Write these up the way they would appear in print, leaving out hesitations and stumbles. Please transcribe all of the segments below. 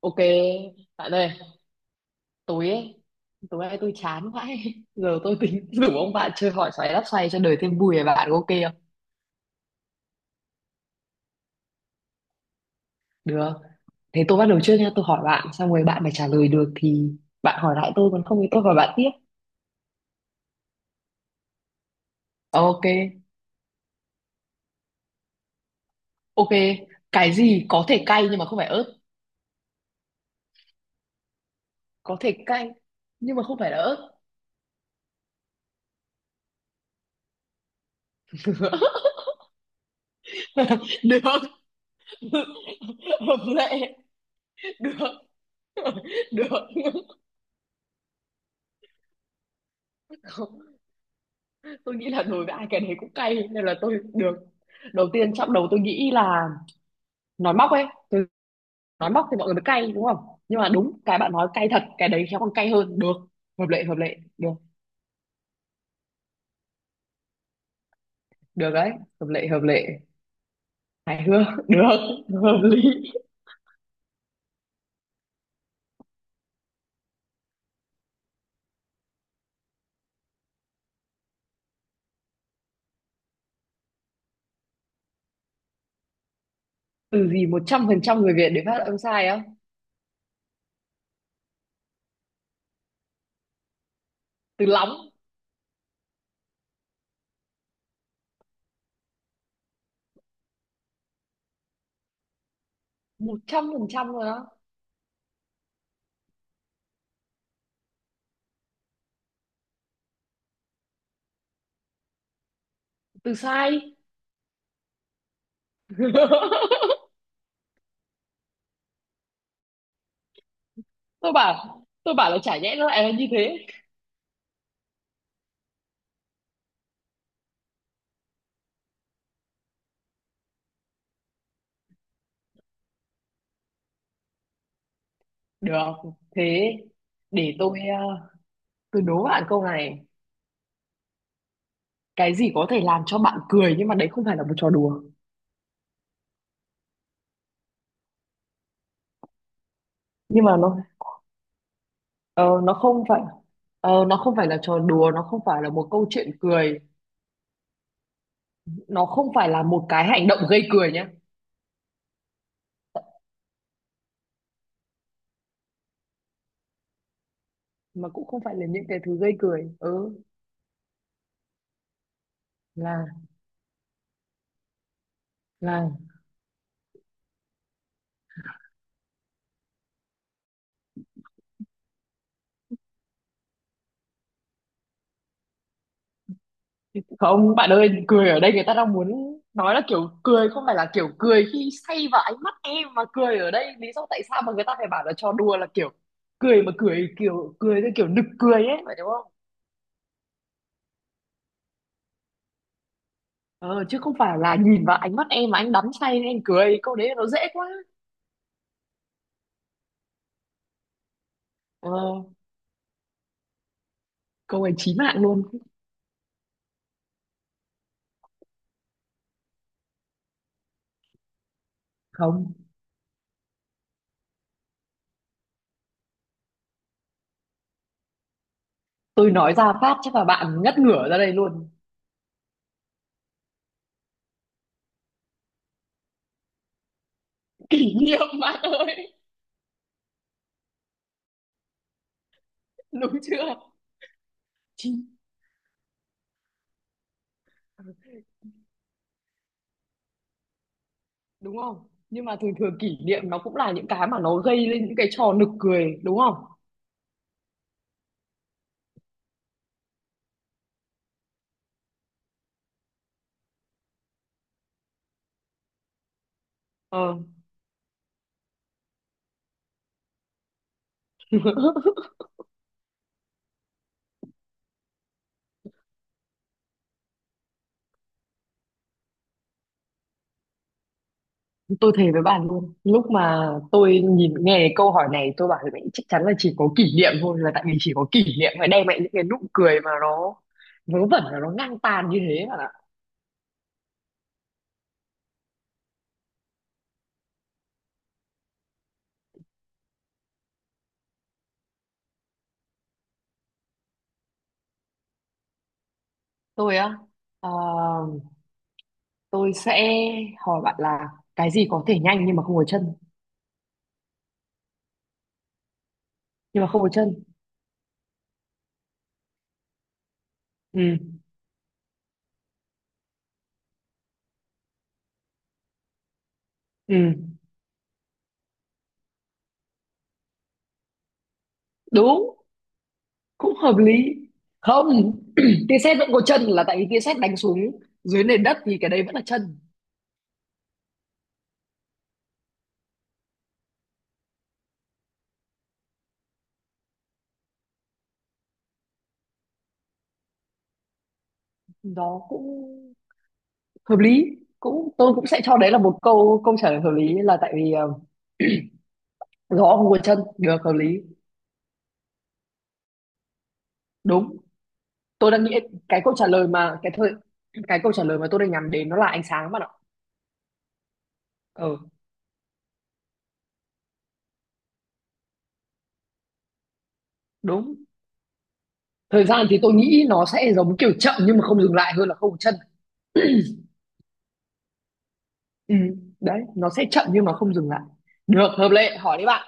Ok, bạn ơi, tối ấy, tối nay tôi chán vãi. Giờ tôi tính rủ ông bạn chơi hỏi xoáy đáp xoay cho đời thêm vui. Về bạn có ok không? Được. Thế tôi bắt đầu trước nha, tôi hỏi bạn, xong rồi bạn phải trả lời được thì bạn hỏi lại tôi, còn không thì tôi hỏi bạn tiếp. Ok, ok. Cái gì có thể cay nhưng mà không phải ớt? Có thể cay nhưng mà không phải là ớt. Được, hợp lệ. Được, được. Không, tôi nghĩ là đối với ai cái đấy cũng cay, nên là tôi được. Đầu tiên trong đầu tôi nghĩ là nói móc ấy, từ nói móc thì mọi người mới cay đúng không, nhưng mà đúng cái bạn nói cay thật, cái đấy khéo còn cay hơn. Được, hợp lệ, hợp lệ, được. Được đấy, hợp lệ, hợp lệ, hài hước. Được, hợp lý. Từ gì 100% người Việt để phát âm sai á? Từ lóng? 100% rồi á? Từ sai. Tôi bảo, là chả nhẽ nó lại là như thế. Được. Thế để tôi, tôi đố bạn câu này. Cái gì có thể làm cho bạn cười nhưng mà đấy không phải là một trò đùa? Nhưng mà nó, ờ, nó không phải. Ờ, nó không phải là trò đùa, nó không phải là một câu chuyện cười, nó không phải là một cái hành động gây cười nhé, mà cũng không phải là những cái thứ gây cười. Ừ, là là. Không bạn ơi, cười ở đây người ta đang muốn nói là kiểu cười không phải là kiểu cười khi say vào ánh mắt em, mà cười ở đây lý do tại sao mà người ta phải bảo là trò đùa là kiểu cười mà cười, kiểu cười theo kiểu nực cười ấy, phải đúng không? Ờ, chứ không phải là nhìn vào ánh mắt em mà anh đắm say nên anh cười, câu đấy nó dễ quá. Ờ, câu ấy chí mạng luôn. Không, tôi nói ra phát chắc là bạn ngất ngửa ra đây luôn. Kỷ niệm bạn ơi. Đúng chưa? Chi- Đúng không, nhưng mà thường thường kỷ niệm nó cũng là những cái mà nó gây lên những cái trò nực cười đúng không? Ờ. Tôi thề với bạn luôn, lúc mà tôi nhìn nghe câu hỏi này tôi bảo mẹ chắc chắn là chỉ có kỷ niệm thôi, là tại vì chỉ có kỷ niệm mới đem lại những cái nụ cười mà nó vớ vẩn và nó ngang tàn như thế bạn ạ. Tôi á? ờ, tôi sẽ hỏi bạn là cái gì có thể nhanh nhưng mà không có chân? Nhưng mà không có chân. Ừ. Ừ. Đúng. Cũng hợp lý. Không, tia sét vẫn có chân, là tại vì tia sét đánh xuống dưới nền đất thì cái đấy vẫn là chân. Đó cũng hợp lý. Cũng, tôi cũng sẽ cho đấy là một câu câu trả lời hợp lý, là tại vì, gió không có chân, được, hợp lý. Đúng. Tôi đang nghĩ, cái câu trả lời mà cái thời cái câu trả lời mà tôi đang nhắm đến nó là ánh sáng bạn ạ. Ừ. Đúng. Thời gian thì tôi nghĩ nó sẽ giống kiểu chậm nhưng mà không dừng lại, hơn là không có chân. Ừ, đấy, nó sẽ chậm nhưng mà không dừng lại. Được, hợp lệ, hỏi đi bạn.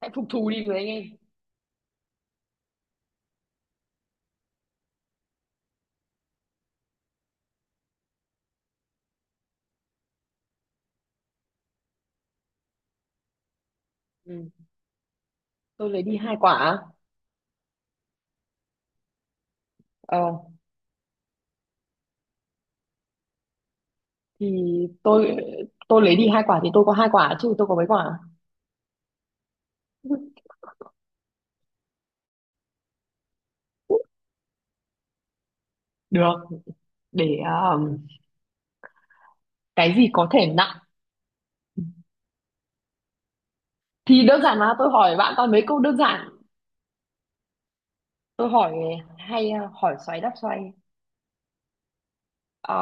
Hãy phục thù đi người anh em. Ừ, tôi lấy đi hai quả à? Ờ, thì tôi tôi lấy đi hai quả thì tôi có hai quả, chứ tôi có mấy quả. Được, để, um, cái gì có thể nặng. Thì đơn giản mà, tôi hỏi bạn toàn mấy câu đơn giản. Tôi hỏi hay, hỏi xoáy đáp xoay. Ờ,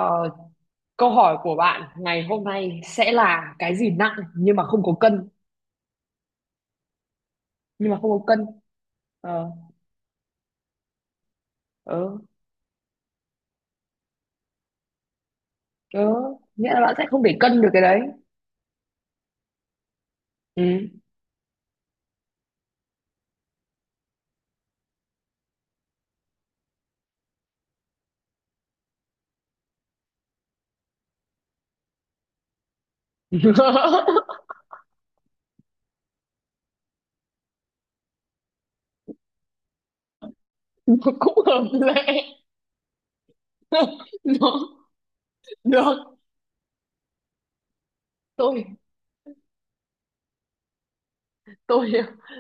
câu hỏi của bạn ngày hôm nay sẽ là cái gì nặng nhưng mà không có cân, nhưng mà không có cân. Ờ, ờ, ờ, nghĩa là bạn sẽ không để cân được cái đấy. Ừ. Nó cũng hợp lệ. Nó được. tôi tôi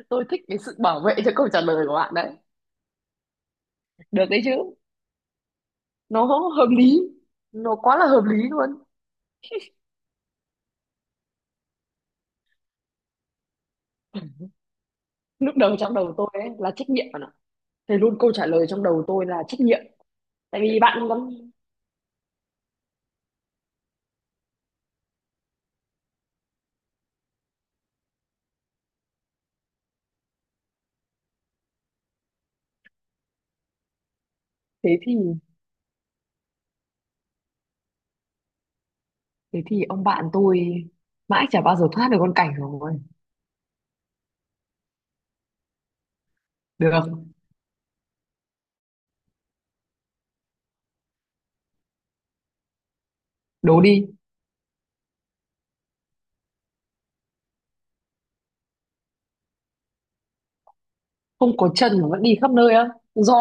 tôi thích cái sự bảo vệ cho câu trả lời của bạn đấy, được đấy chứ. Nó hợp lý, nó quá là hợp lý luôn. Lúc đầu trong đầu tôi ấy là trách nhiệm bạn ạ. Thế luôn, câu trả lời trong đầu tôi là trách nhiệm. Tại vì bạn lắm. Thế thì, ông bạn tôi mãi chả bao giờ thoát được con cảnh rồi. Được, đố đi. Không có chân mà vẫn đi khắp nơi á? Gió.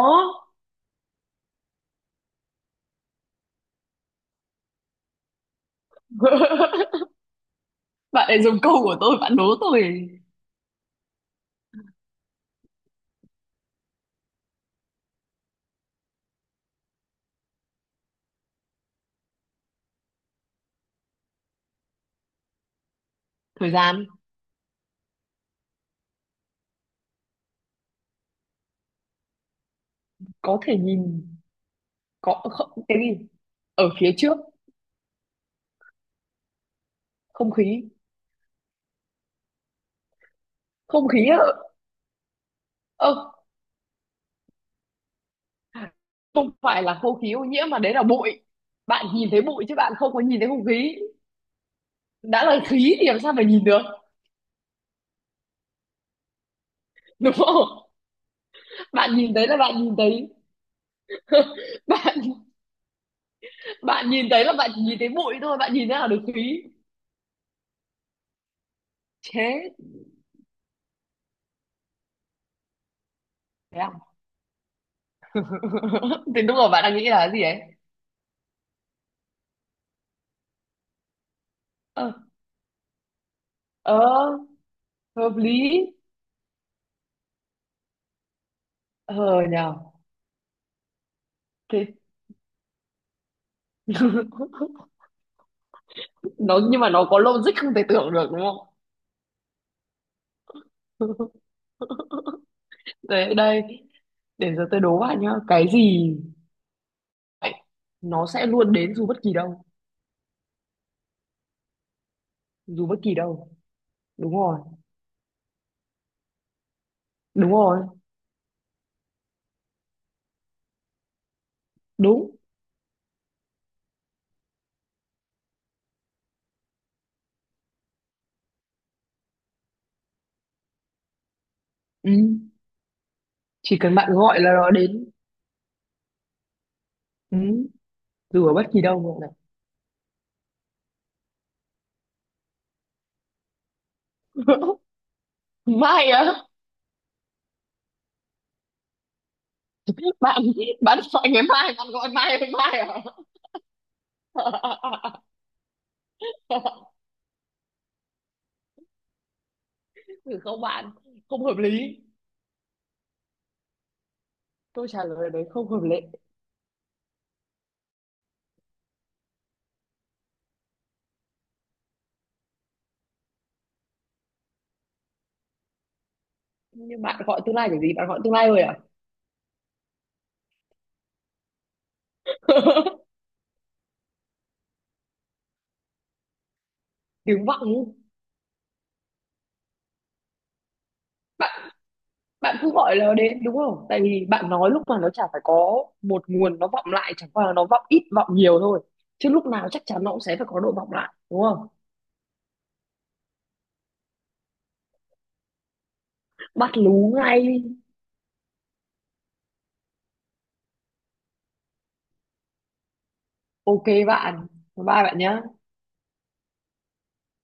Bạn ấy dùng câu của tôi bạn đố tôi. Thời gian. Có thể nhìn? Có không, cái gì ở phía trước? Không khí. Không khí ở, ơ. Không phải là không khí ô nhiễm mà đấy là bụi, bạn nhìn thấy bụi chứ bạn không có nhìn thấy không khí. Đã là khí thì làm sao mà nhìn được, đúng không? Bạn nhìn thấy là bạn nhìn thấy. bạn bạn nhìn thấy là bạn chỉ nhìn thấy bụi thôi, bạn nhìn thấy là được khí. Chết. Thế à? Thì đúng rồi, bạn đang nghĩ là cái gì ấy? Ờ, ờ, hợp lý. Ờ, nhờ. Thế. Nó, nhưng mà nó có logic không thể tưởng được đúng không? Đấy, đây, để giờ tôi đố bạn nhá. Cái gì ấy, nó sẽ luôn đến dù bất kỳ đâu. Dù bất kỳ đâu. Đúng rồi. Đúng rồi. Đúng. Ừ. Chỉ cần bạn gọi là nó đến. Ừ. Dù ở bất kỳ đâu gọi là. Mai á? Bạn, bạn gọi ngày mai, bạn gọi mai với mai à? Ừ, không bạn, không hợp lý. Tôi trả lời đấy không hợp lệ. Nhưng bạn gọi tương lai kiểu gì? Bạn gọi tương lai rồi à? Tiếng vọng. Bạn cứ gọi nó đến đúng không, tại vì bạn nói lúc mà nó chả phải, có một nguồn nó vọng lại, chẳng qua là nó vọng ít vọng nhiều thôi, chứ lúc nào chắc chắn nó cũng sẽ phải có độ vọng lại đúng không. Bắt lú ngay. Ok bạn. Bye bye bạn nhé.